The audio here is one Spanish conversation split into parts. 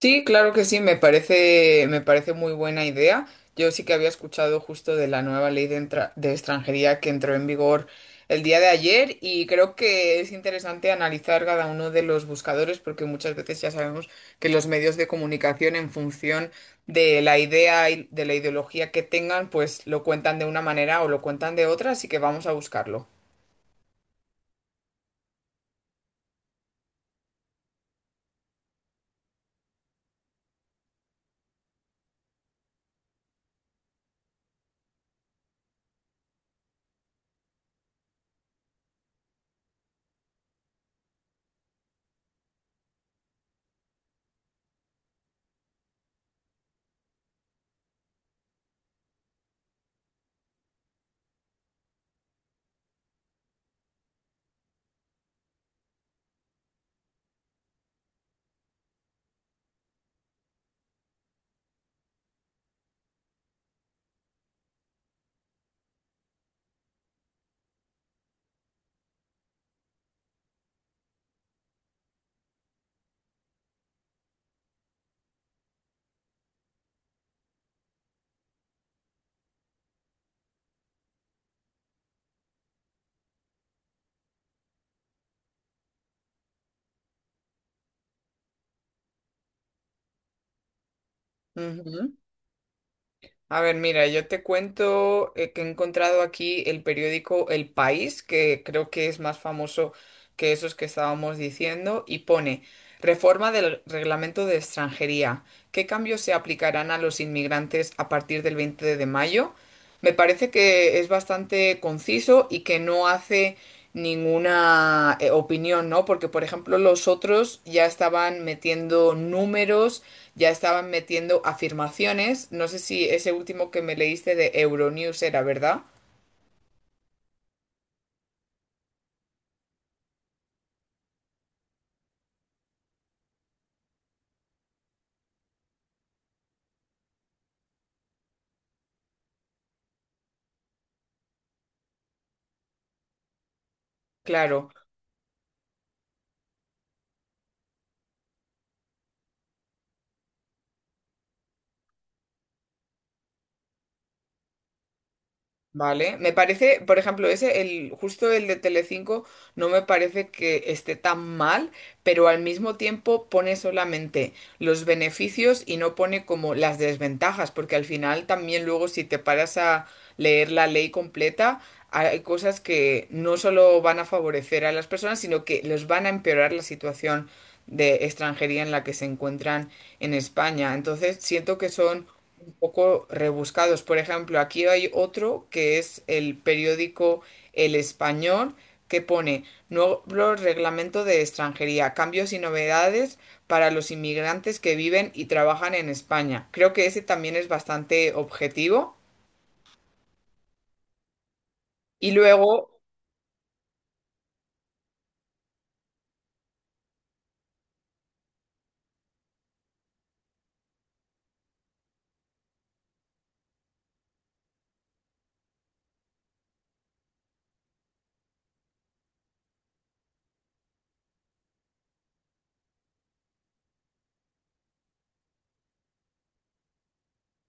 Sí, claro que sí, me parece muy buena idea. Yo sí que había escuchado justo de la nueva ley de, entra- de extranjería que entró en vigor el día de ayer, y creo que es interesante analizar cada uno de los buscadores porque muchas veces ya sabemos que los medios de comunicación, en función de la idea y de la ideología que tengan, pues lo cuentan de una manera o lo cuentan de otra, así que vamos a buscarlo. Ujú. A ver, mira, yo te cuento que he encontrado aquí el periódico El País, que creo que es más famoso que esos que estábamos diciendo, y pone Reforma del Reglamento de Extranjería. ¿Qué cambios se aplicarán a los inmigrantes a partir del 20 de mayo? Me parece que es bastante conciso y que no hace ninguna opinión, ¿no? Porque, por ejemplo, los otros ya estaban metiendo números, ya estaban metiendo afirmaciones. No sé si ese último que me leíste de Euronews era, ¿verdad? Claro. Vale, me parece, por ejemplo, ese, el, justo el de Telecinco, no me parece que esté tan mal, pero al mismo tiempo pone solamente los beneficios y no pone como las desventajas, porque al final también luego, si te paras a leer la ley completa, hay cosas que no solo van a favorecer a las personas, sino que les van a empeorar la situación de extranjería en la que se encuentran en España. Entonces, siento que son poco rebuscados. Por ejemplo, aquí hay otro que es el periódico El Español, que pone nuevo reglamento de extranjería, cambios y novedades para los inmigrantes que viven y trabajan en España. Creo que ese también es bastante objetivo. Y luego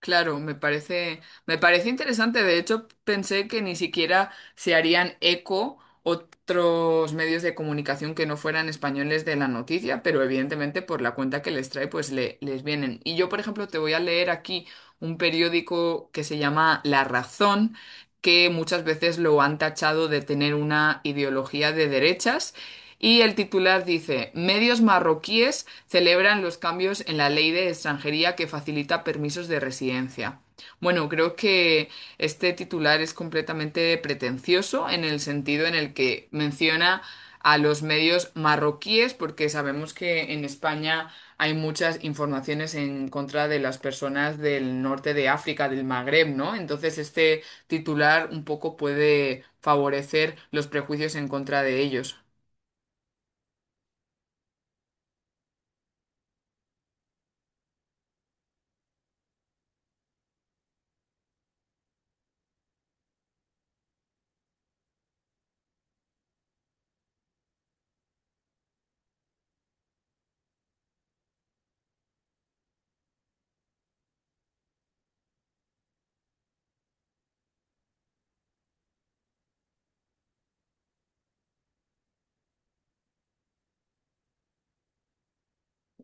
claro, me parece interesante. De hecho, pensé que ni siquiera se harían eco otros medios de comunicación que no fueran españoles de la noticia, pero evidentemente por la cuenta que les trae, pues les vienen. Y yo, por ejemplo, te voy a leer aquí un periódico que se llama La Razón, que muchas veces lo han tachado de tener una ideología de derechas. Y el titular dice, medios marroquíes celebran los cambios en la ley de extranjería que facilita permisos de residencia. Bueno, creo que este titular es completamente pretencioso en el sentido en el que menciona a los medios marroquíes, porque sabemos que en España hay muchas informaciones en contra de las personas del norte de África, del Magreb, ¿no? Entonces este titular un poco puede favorecer los prejuicios en contra de ellos.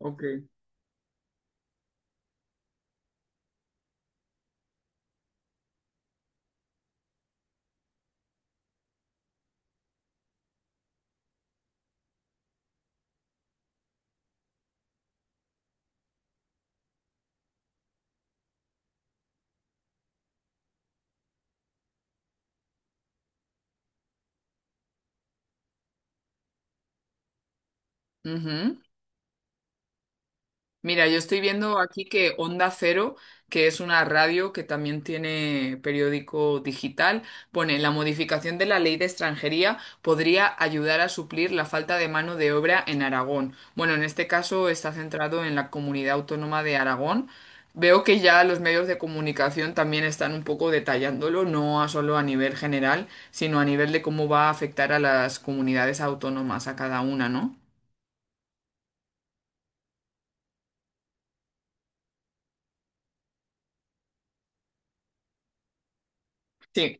Ok. Ujú. Mira, yo estoy viendo aquí que Onda Cero, que es una radio que también tiene periódico digital, pone la modificación de la ley de extranjería podría ayudar a suplir la falta de mano de obra en Aragón. Bueno, en este caso está centrado en la comunidad autónoma de Aragón. Veo que ya los medios de comunicación también están un poco detallándolo, no a solo a nivel general, sino a nivel de cómo va a afectar a las comunidades autónomas, a cada una, ¿no? Sí.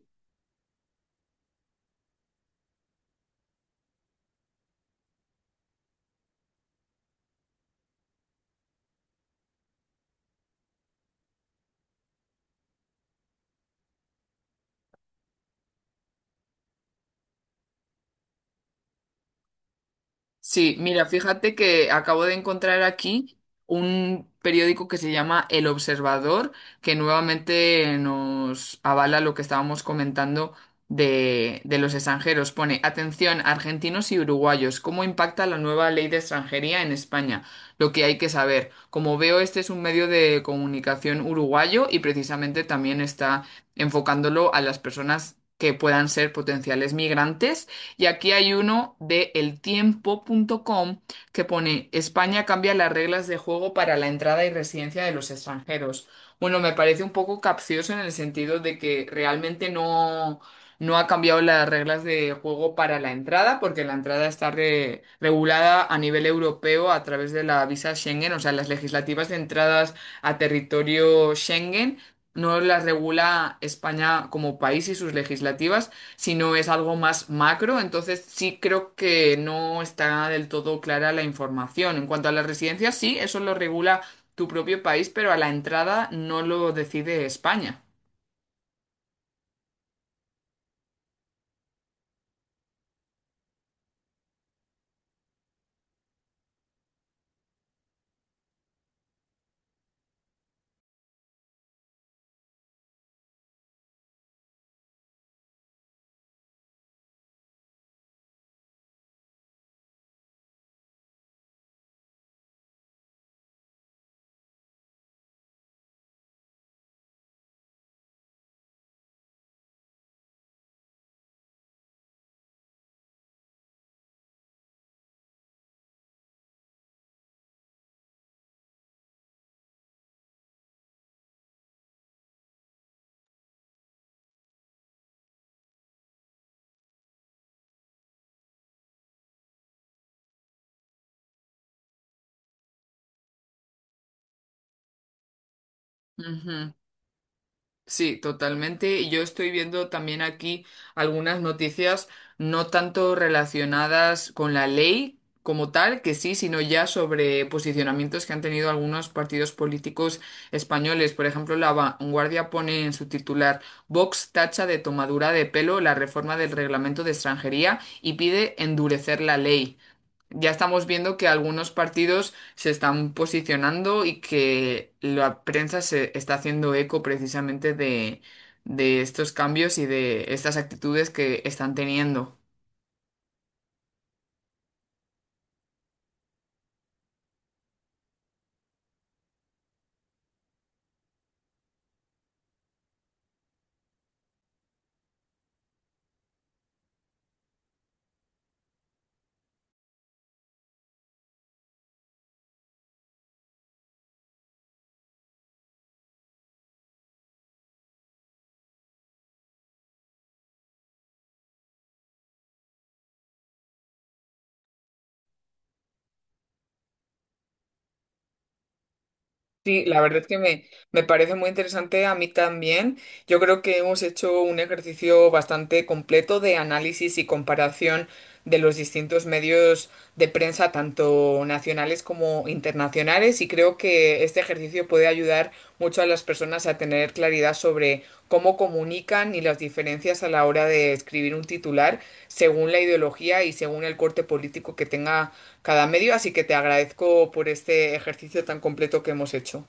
Sí, mira, fíjate que acabo de encontrar aquí un periódico que se llama El Observador, que nuevamente nos avala lo que estábamos comentando de los extranjeros. Pone, atención, argentinos y uruguayos, ¿cómo impacta la nueva ley de extranjería en España? Lo que hay que saber. Como veo, este es un medio de comunicación uruguayo y precisamente también está enfocándolo a las personas que puedan ser potenciales migrantes, y aquí hay uno de eltiempo punto com que pone España cambia las reglas de juego para la entrada y residencia de los extranjeros. Bueno, me parece un poco capcioso en el sentido de que realmente no ha cambiado las reglas de juego para la entrada, porque la entrada está regulada a nivel europeo a través de la visa Schengen, o sea, las legislativas de entradas a territorio Schengen. No las regula España como país y sus legislativas, sino es algo más macro, entonces sí creo que no está del todo clara la información. En cuanto a las residencias, sí, eso lo regula tu propio país, pero a la entrada no lo decide España. Ujú. Sí, totalmente. Y yo estoy viendo también aquí algunas noticias no tanto relacionadas con la ley como tal, que sí, sino ya sobre posicionamientos que han tenido algunos partidos políticos españoles. Por ejemplo, La Vanguardia pone en su titular: Vox tacha de tomadura de pelo la reforma del reglamento de extranjería y pide endurecer la ley. Ya estamos viendo que algunos partidos se están posicionando y que la prensa se está haciendo eco precisamente de estos cambios y de estas actitudes que están teniendo. Sí, la verdad es que me parece muy interesante a mí también. Yo creo que hemos hecho un ejercicio bastante completo de análisis y comparación de los distintos medios de prensa, tanto nacionales como internacionales, y creo que este ejercicio puede ayudar mucho a las personas a tener claridad sobre cómo comunican y las diferencias a la hora de escribir un titular según la ideología y según el corte político que tenga cada medio, así que te agradezco por este ejercicio tan completo que hemos hecho.